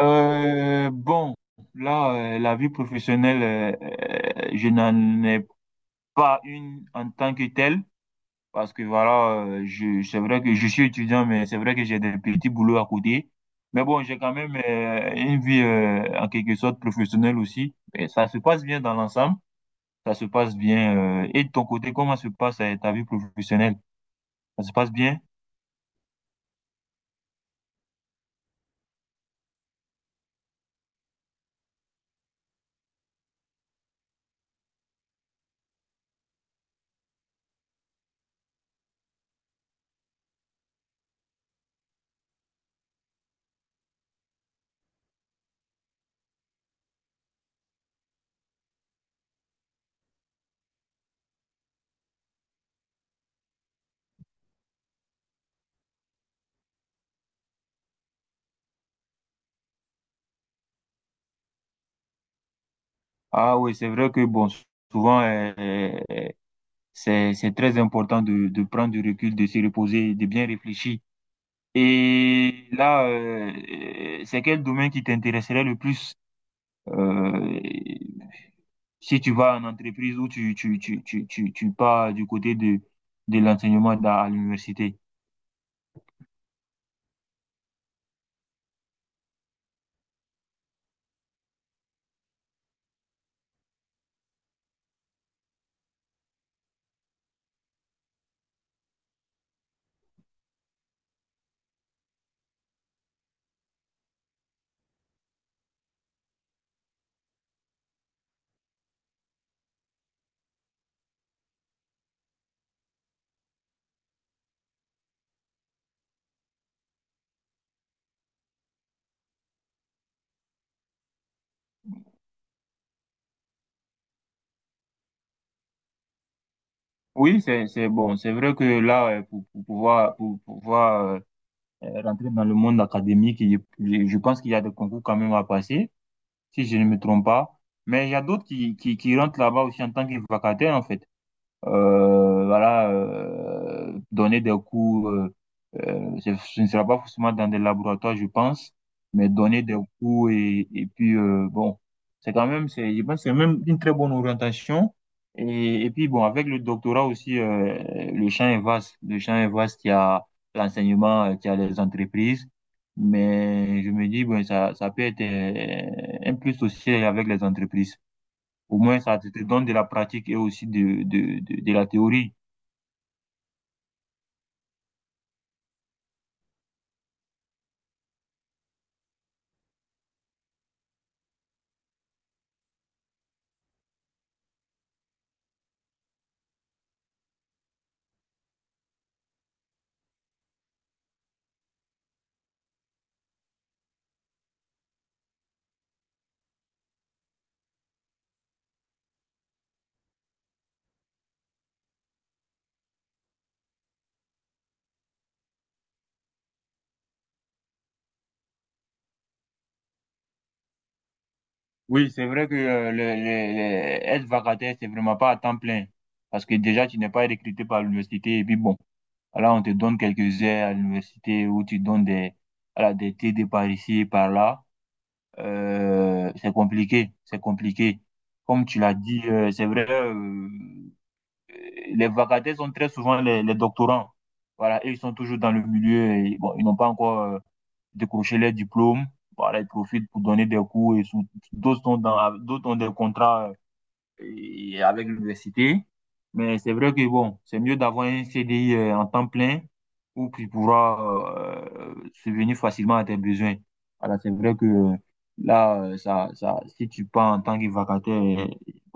Euh, bon, là, la vie professionnelle, je n'en ai pas une en tant que telle, parce que voilà, c'est vrai que je suis étudiant, mais c'est vrai que j'ai des petits boulots à côté. Mais bon, j'ai quand même une vie en quelque sorte professionnelle aussi. Et ça se passe bien dans l'ensemble, ça se passe bien. Et de ton côté, comment se passe ta vie professionnelle? Ça se passe bien? Ah oui, c'est vrai que bon, souvent, c'est très important de prendre du recul, de se reposer, de bien réfléchir. Et là, c'est quel domaine qui t'intéresserait le plus? Euh, Si tu vas en entreprise ou tu pars du côté de l'enseignement à l'université. Oui, c'est bon. C'est vrai que là, pour pouvoir rentrer dans le monde académique. Je pense qu'il y a des concours quand même à passer, si je ne me trompe pas. Mais il y a d'autres qui rentrent là-bas aussi en tant que vacataires, en fait, voilà, donner des cours, ce ne sera pas forcément dans des laboratoires, je pense, mais donner des cours et puis, bon, c'est quand même, c'est, je pense, que c'est même une très bonne orientation. Et puis, bon, avec le doctorat aussi, le champ est vaste. Le champ est vaste, il y a l'enseignement, il y a les entreprises. Mais je me dis, bon, ça peut être un plus aussi avec les entreprises. Au moins, ça te donne de la pratique et aussi de la théorie. Oui, c'est vrai que être vacataire, c'est vraiment pas à temps plein. Parce que déjà, tu n'es pas recruté par l'université. Et puis bon, là, on te donne quelques heures à l'université où tu donnes des, voilà, des TD par ici par là. C'est compliqué, c'est compliqué. Comme tu l'as dit, c'est vrai, les vacataires sont très souvent les doctorants. Voilà, et ils sont toujours dans le milieu et bon, ils n'ont pas encore décrocher les diplômes. Voilà, ils profitent pour donner des cours et d'autres sont dans, d'autres ont des contrats et avec l'université. Mais c'est vrai que bon, c'est mieux d'avoir un CDI en temps plein où tu pourras subvenir facilement à tes besoins. Alors, c'est vrai que là, si tu pars en tant que vacataire,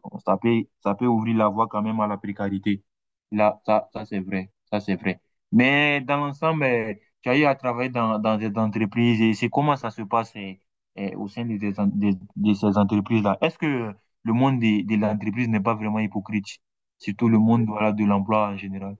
bon, ça peut ouvrir la voie quand même à la précarité. Là, ça c'est vrai. Ça, c'est vrai. Mais dans l'ensemble, tu as eu à travailler dans des entreprises et c'est comment ça se passe au sein de, des en- de ces entreprises-là. Est-ce que le monde l'entreprise n'est pas vraiment hypocrite. Surtout le monde, voilà, de l'emploi en général.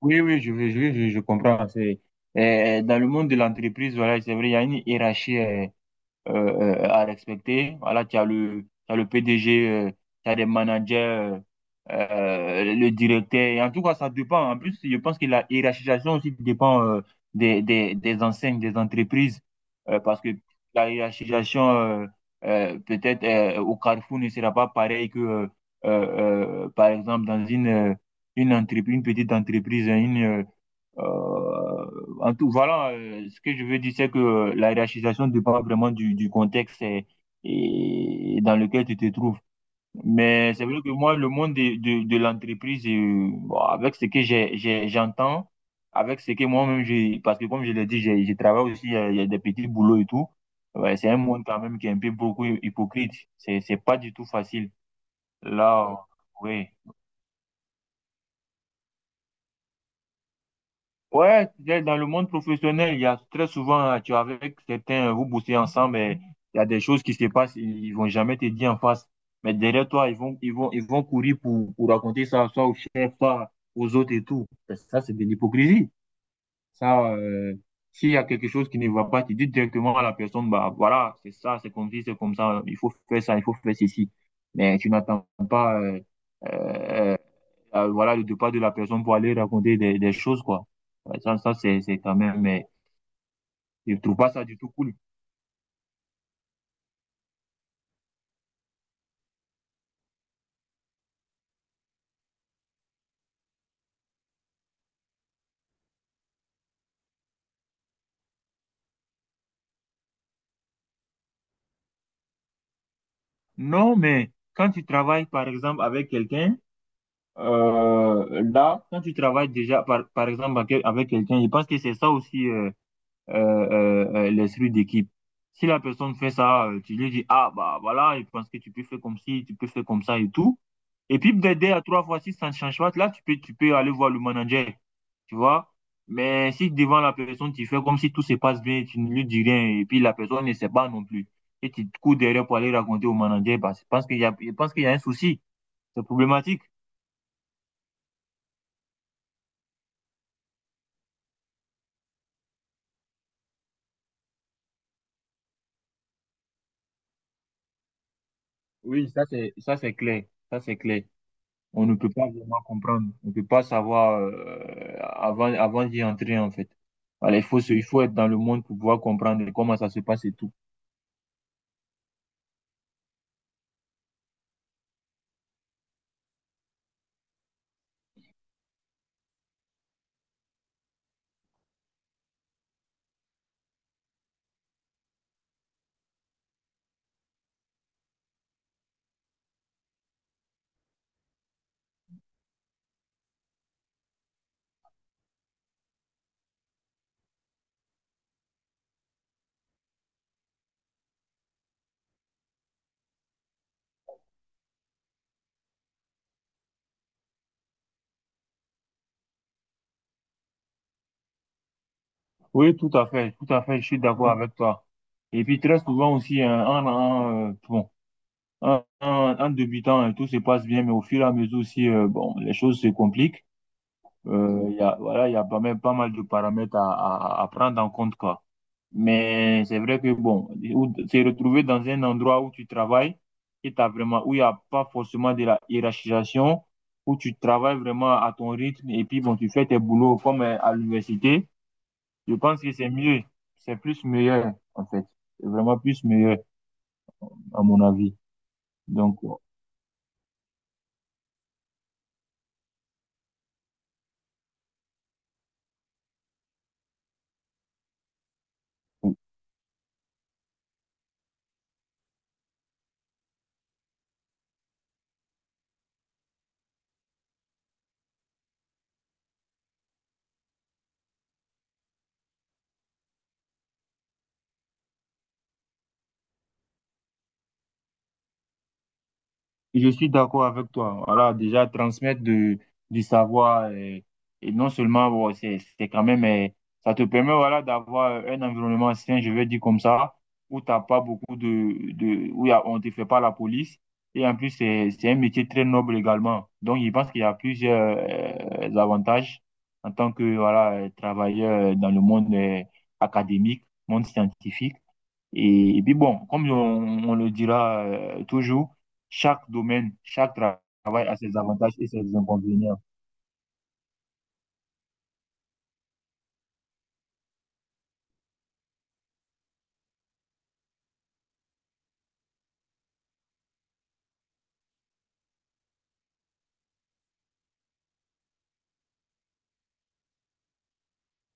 Oui, oui, je comprends. C'est, dans le monde de l'entreprise, voilà, c'est vrai, il y a une hiérarchie, à respecter. Voilà, tu as le PDG, tu as des managers, le directeur. Et en tout cas, ça dépend. En plus, je pense que la hiérarchisation aussi dépend des enseignes, des entreprises. Parce que la hiérarchisation, peut-être au Carrefour, ne sera pas pareil que, par exemple, une entreprise, une petite entreprise, euh, en tout, voilà, ce que je veux dire, c'est que la hiérarchisation dépend vraiment du contexte et dans lequel tu te trouves. Mais c'est vrai que moi, le monde de l'entreprise, bon, avec ce que j'entends, avec ce que moi-même, j'ai, parce que comme je l'ai dit, j'ai travaille aussi, il y a des petits boulots et tout. Ouais, c'est un monde quand même qui est un peu beaucoup hypocrite. C'est pas du tout facile. Là, oui. Ouais, c'est-à-dire dans le monde professionnel, il y a très souvent, tu es avec certains, vous bossez ensemble, mais il y a des choses qui se passent, ils vont jamais te dire en face. Mais derrière toi, ils vont courir pour raconter ça, soit au chef, soit aux autres et tout. Ça, c'est de l'hypocrisie. Ça, s'il y a quelque chose qui ne va pas, tu dis directement à la personne, bah voilà, c'est ça, c'est comme ci, c'est comme ça, il faut faire ça, il faut faire ceci. Mais tu n'attends pas, euh, voilà, le départ de la personne pour aller raconter des choses, quoi. Ouais, ça c'est quand même, mais je trouve pas ça du tout cool. Non, mais quand tu travailles, par exemple, avec quelqu'un, là, quand tu travailles déjà, par exemple, avec quelqu'un, je pense que c'est ça aussi, les séries d'équipe. Si la personne fait ça, tu lui dis, ah, bah voilà, je pense que tu peux faire comme ci, tu peux faire comme ça et tout. Et puis, peut-être deux à trois fois, si ça ne change pas, là, tu peux aller voir le manager, tu vois. Mais si devant la personne, tu fais comme si tout se passe bien, tu ne lui dis rien, et puis la personne ne sait pas non plus, et tu te cours derrière pour aller raconter au manager, bah, je pense qu'il y a un souci, c'est problématique. Oui, ça c'est clair, ça c'est clair. On ne peut pas vraiment comprendre. On ne peut pas savoir avant, avant d'y entrer, en fait. Voilà, il faut être dans le monde pour pouvoir comprendre comment ça se passe et tout. Oui, tout à fait, je suis d'accord avec toi. Et puis très souvent aussi, hein, bon, en débutant, hein, tout se passe bien, mais au fur et à mesure aussi, bon, les choses se compliquent. Il y a, voilà, il y a pas même pas mal de paramètres à prendre en compte, quoi. Mais c'est vrai que bon, se retrouver dans un endroit où tu travailles, et t'as vraiment, où il n'y a pas forcément de la hiérarchisation, où tu travailles vraiment à ton rythme et puis bon, tu fais tes boulots comme à l'université, je pense que c'est mieux, c'est plus meilleur en fait, c'est vraiment plus meilleur à mon avis. Donc, Je suis d'accord avec toi. Voilà, déjà transmettre de, du savoir et, non seulement bon, c'est quand même ça te permet voilà d'avoir un environnement sain, je vais dire comme ça, où t'as pas beaucoup de où on te fait pas la police et en plus c'est un métier très noble également. Donc je pense qu'il y a plusieurs avantages en tant que voilà travailleur dans le monde académique, monde scientifique. Et puis bon, comme on le dira toujours, chaque domaine, travail a ses avantages et ses inconvénients.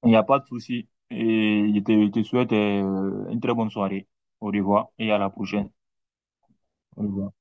Il n'y a pas de souci. Et je te souhaite une très bonne soirée. Au revoir et à la prochaine. Au revoir.